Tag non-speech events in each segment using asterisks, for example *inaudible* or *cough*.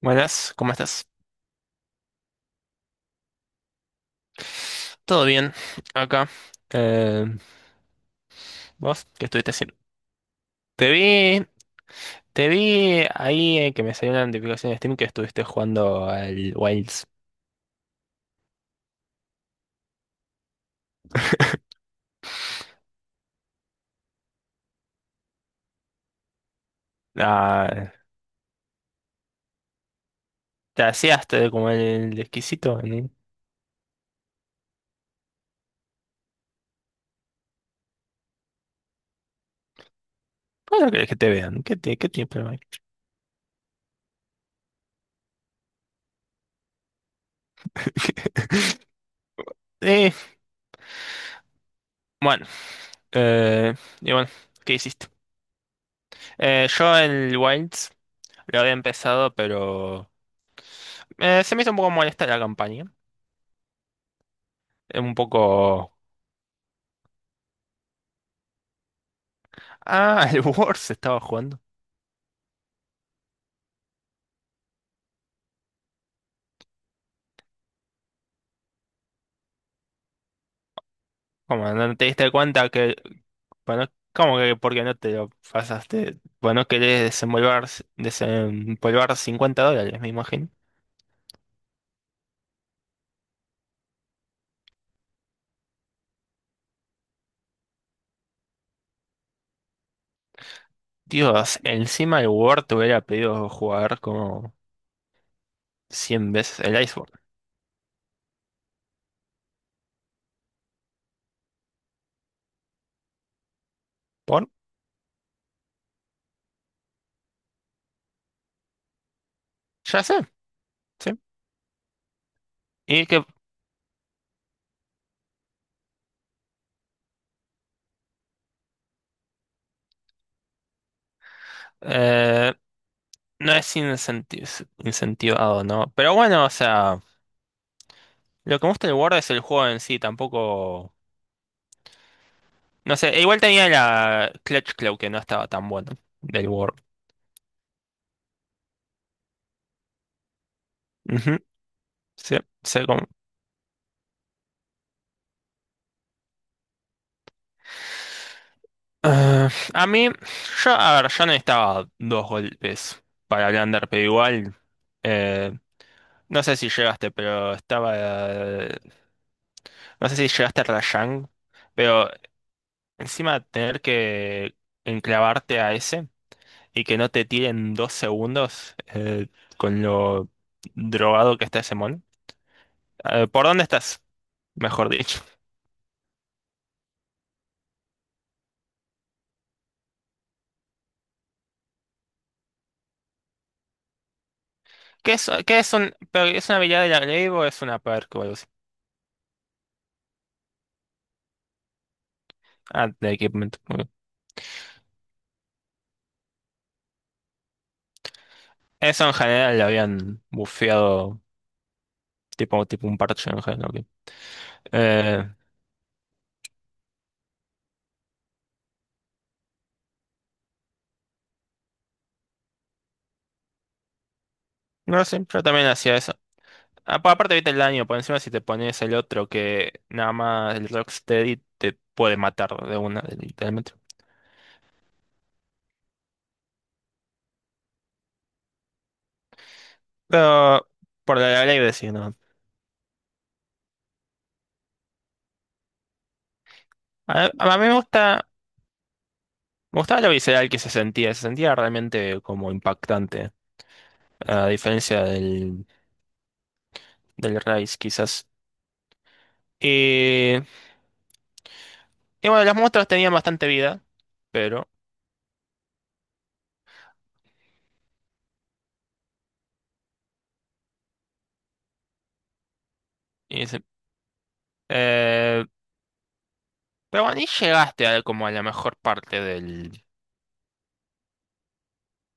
Buenas, ¿cómo estás? Todo bien, acá. Eh, ¿Vos qué estuviste haciendo? Te vi, te vi ahí que me salió una notificación de Steam que estuviste jugando al Wilds. *laughs* Ah, te hacías como el exquisito, ¿no? ¿Cómo no querés que te vean? ¿Qué, qué tiene problema hay? *laughs* Eh, bueno, eh, y bueno, ¿qué hiciste? Yo el Wilds lo había empezado, pero se me hizo un poco molesta la campaña. Es un poco... Ah, el *laughs* Wars estaba jugando. ¿Cómo? ¿No te diste cuenta que, bueno, cómo que por qué no te lo pasaste? Bueno, querés desempolvar 50 dólares, me imagino. Dios, encima el Word te hubiera pedido jugar como 100 veces el Iceborne. ¿Por? Ya sé, sí. Y que eh, no es incentivado, ¿no? Pero bueno, o sea, lo que me gusta del Word es el juego en sí, tampoco... No sé, igual tenía la Clutch Claw que no estaba tan bueno del Word. Ujú, sí, sé cómo. Ah, a mí, yo, a ver, yo necesitaba dos golpes para el under, pero igual, eh, no sé si llegaste, pero estaba, no sé si llegaste a Rajang, pero encima tener que enclavarte a ese y que no te tiren 2 segundos con lo drogado que está ese mono. ¿Por dónde estás? Mejor dicho. ¿Qué es un, pero es una habilidad de la Glaive o es una perk o algo así? Ah, de equipment. OK. Eso en general lo habían bufeado tipo, un parche en general. OK. Eh, no sé, yo también hacía eso. Aparte, viste el daño por encima si te pones el otro que nada más el Rocksteady te puede matar de una, literalmente. Pero por la ley decir, ¿no? A mí me gustaba lo visceral que se sentía realmente como impactante, a diferencia del Rise quizás. Y, y bueno, las muestras tenían bastante vida, pero... y se- eh, Pero bueno, y llegaste a, como a la mejor parte del...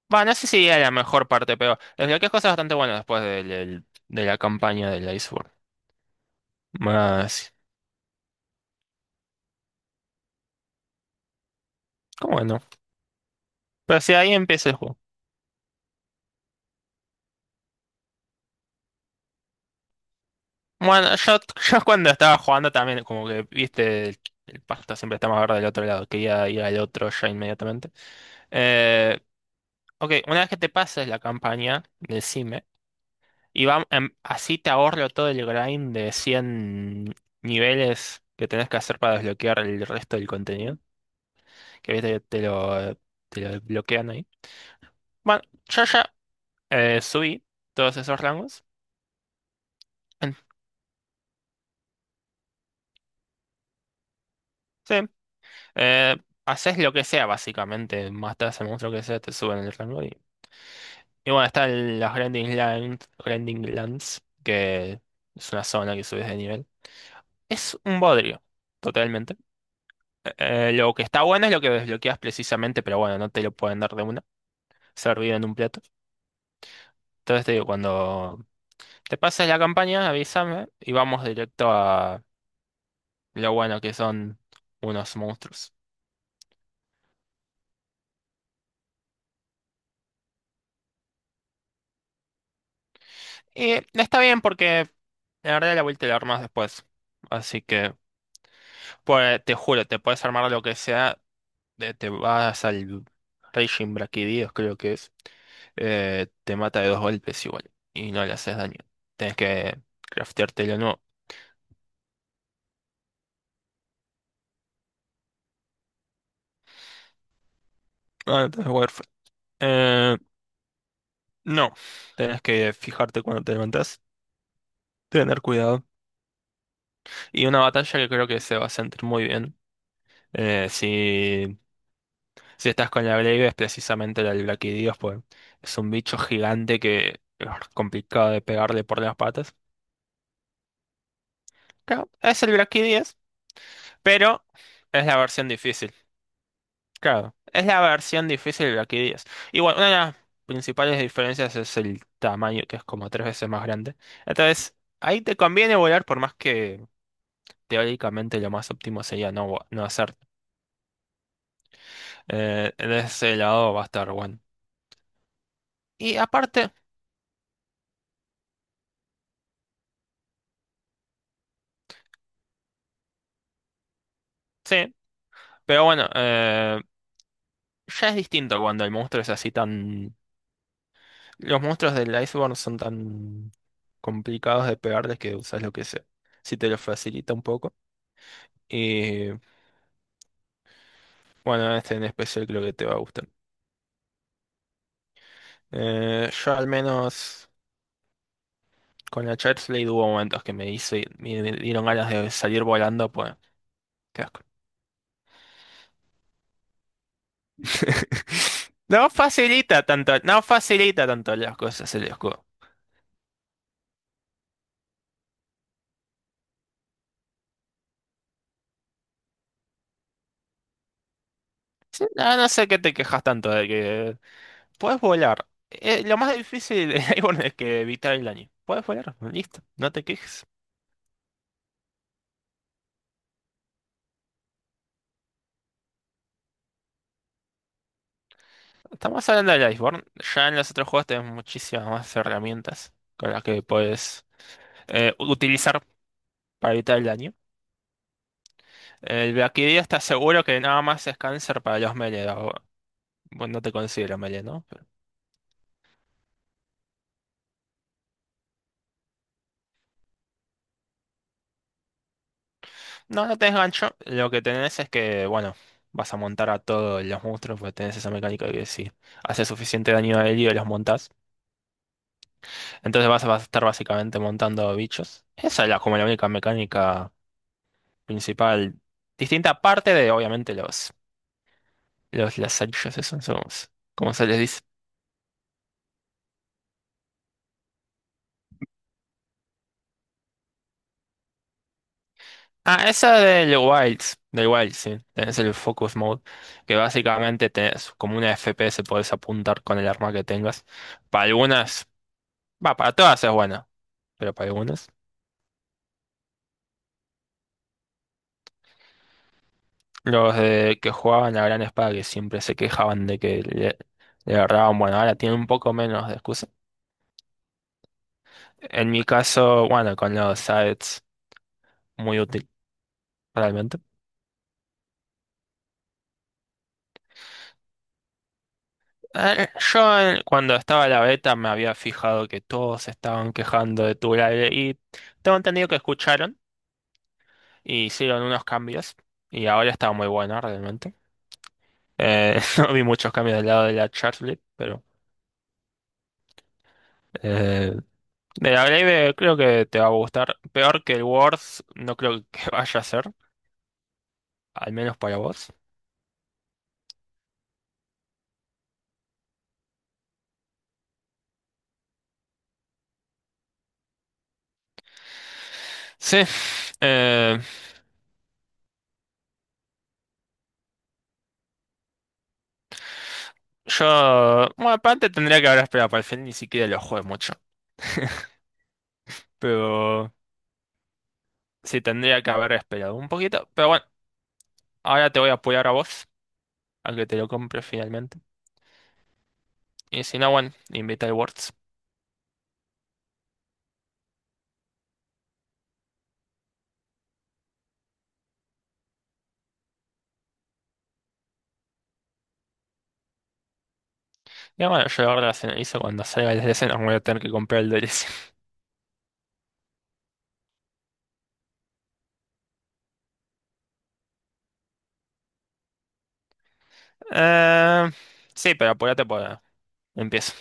Bueno, no sé si a la mejor parte, pero desbloqueas cosas bastante buenas después de la campaña del Iceborne. Más... ¿Cómo no? Pero si ahí empieza el juego. Bueno, yo cuando estaba jugando también, como que, viste, el pasto siempre está más verde del otro lado. Quería ir al otro ya inmediatamente. Eh, OK, una vez que te pases la campaña, decime. Y va, así te ahorro todo el grind de 100 niveles que tenés que hacer para desbloquear el resto del contenido. Que viste que te lo bloquean ahí. Bueno, yo ya subí todos esos rangos. En- Sí. eh, Haces lo que sea, básicamente. Matas al monstruo que sea, te suben el rango. Y bueno, están las Grinding Lands, que es una zona que subes de nivel. Es un bodrio, totalmente. Lo que está bueno es lo que desbloqueas precisamente, pero bueno, no te lo pueden dar de una, servido en un plato. Entonces te digo, cuando te pases la campaña, avísame y vamos directo a lo bueno que son unos monstruos. Y está bien porque la verdad la vuelta la armas después. Así que, pues, te juro, te puedes armar lo que sea, te vas al Raging Brachidios, creo que es, te mata de dos golpes igual y no le haces daño. Tienes que crafteártelo nuevo. Ah, entonces, bueno, Eh, no, tenés que fijarte cuando te levantás, tener cuidado. Y una batalla que creo que se va a sentir muy bien. Si, si estás con la Glaive, es precisamente la del Blaquidios, pues es un bicho gigante que es complicado de pegarle por las patas. Claro, es el Blaquidios, pero es la versión difícil. Claro, es la versión difícil del Blaquidios. Y bueno, una de las principales diferencias es el tamaño, que es como tres veces más grande. Entonces, ahí te conviene volar por más que teóricamente lo más óptimo sería no, no hacer. De ese lado va a estar bueno. Y aparte, sí, pero bueno, ya es distinto cuando el monstruo es así tan... Los monstruos del Iceborne son tan complicados de pegarles que usas lo que sea. Si te lo facilita un poco. Y bueno, este en especial creo que te va a gustar. Yo al menos con la Child's Blade hubo momentos que me hice, me dieron ganas de salir volando, pues. Qué asco. *laughs* No facilita tanto, no facilita tanto las cosas el escudo. Sí, no, no sé qué te quejas tanto de que puedes volar. Lo más difícil de *laughs* Iceborne es que evitar el daño. Puedes volar, listo, no te quejes. Estamos hablando del Iceborne. Ya en los otros juegos tenés muchísimas más herramientas con las que puedes utilizar para evitar el daño. El Valkyria está seguro que nada más es cáncer para los melee. Bueno, no te considero melee, ¿no? No, no tenés gancho. Lo que tenés es que, bueno, vas a montar a todos los monstruos, pues tenés esa mecánica que si hace suficiente daño a herido los montás. Entonces vas a estar básicamente montando bichos. Esa es como la única mecánica principal. Distinta parte de, obviamente, los lazarillos, esos son ¿cómo se les dice? Ah, esa del del Wild, sí. Tenés el Focus Mode, que básicamente tenés como una FPS, podés apuntar con el arma que tengas. Para algunas, va, para todas es buena, pero para algunas. Los de que jugaban la gran espada que siempre se quejaban de que le agarraban, bueno, ahora tienen un poco menos de excusa. En mi caso, bueno, con los sites, muy útil, realmente. Yo cuando estaba la beta me había fijado que todos estaban quejando de Turale y tengo entendido que escucharon y hicieron unos cambios y ahora está muy bueno realmente. *laughs* No vi muchos cambios del lado de la Charlotte, pero... eh, De la Blade creo que te va a gustar. Peor que el Words, no creo que *laughs* vaya a ser, al menos para vos. Sí, eh, yo, bueno, aparte tendría que haber esperado para el final, ni siquiera lo jugué mucho. *laughs* Pero sí, tendría que haber esperado un poquito. Pero bueno, ahora te voy a apoyar a vos, a que te lo compres finalmente. Y si no, bueno, invita al Words. Y bueno, yo ahora hizo cuando salga el DLC, no voy a tener que comprar el DLC. *laughs* Eh, sí, pero apúrate para... Empiezo.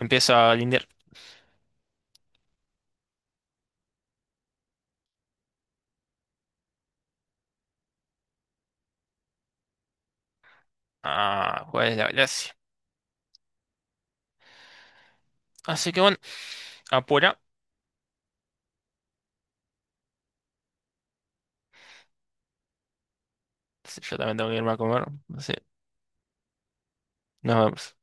Empiezo a lindear. Ah, Juárez de la Galaxia. Así que bueno, apura. Sí, yo también tengo que irme a comer. Así, nos vemos.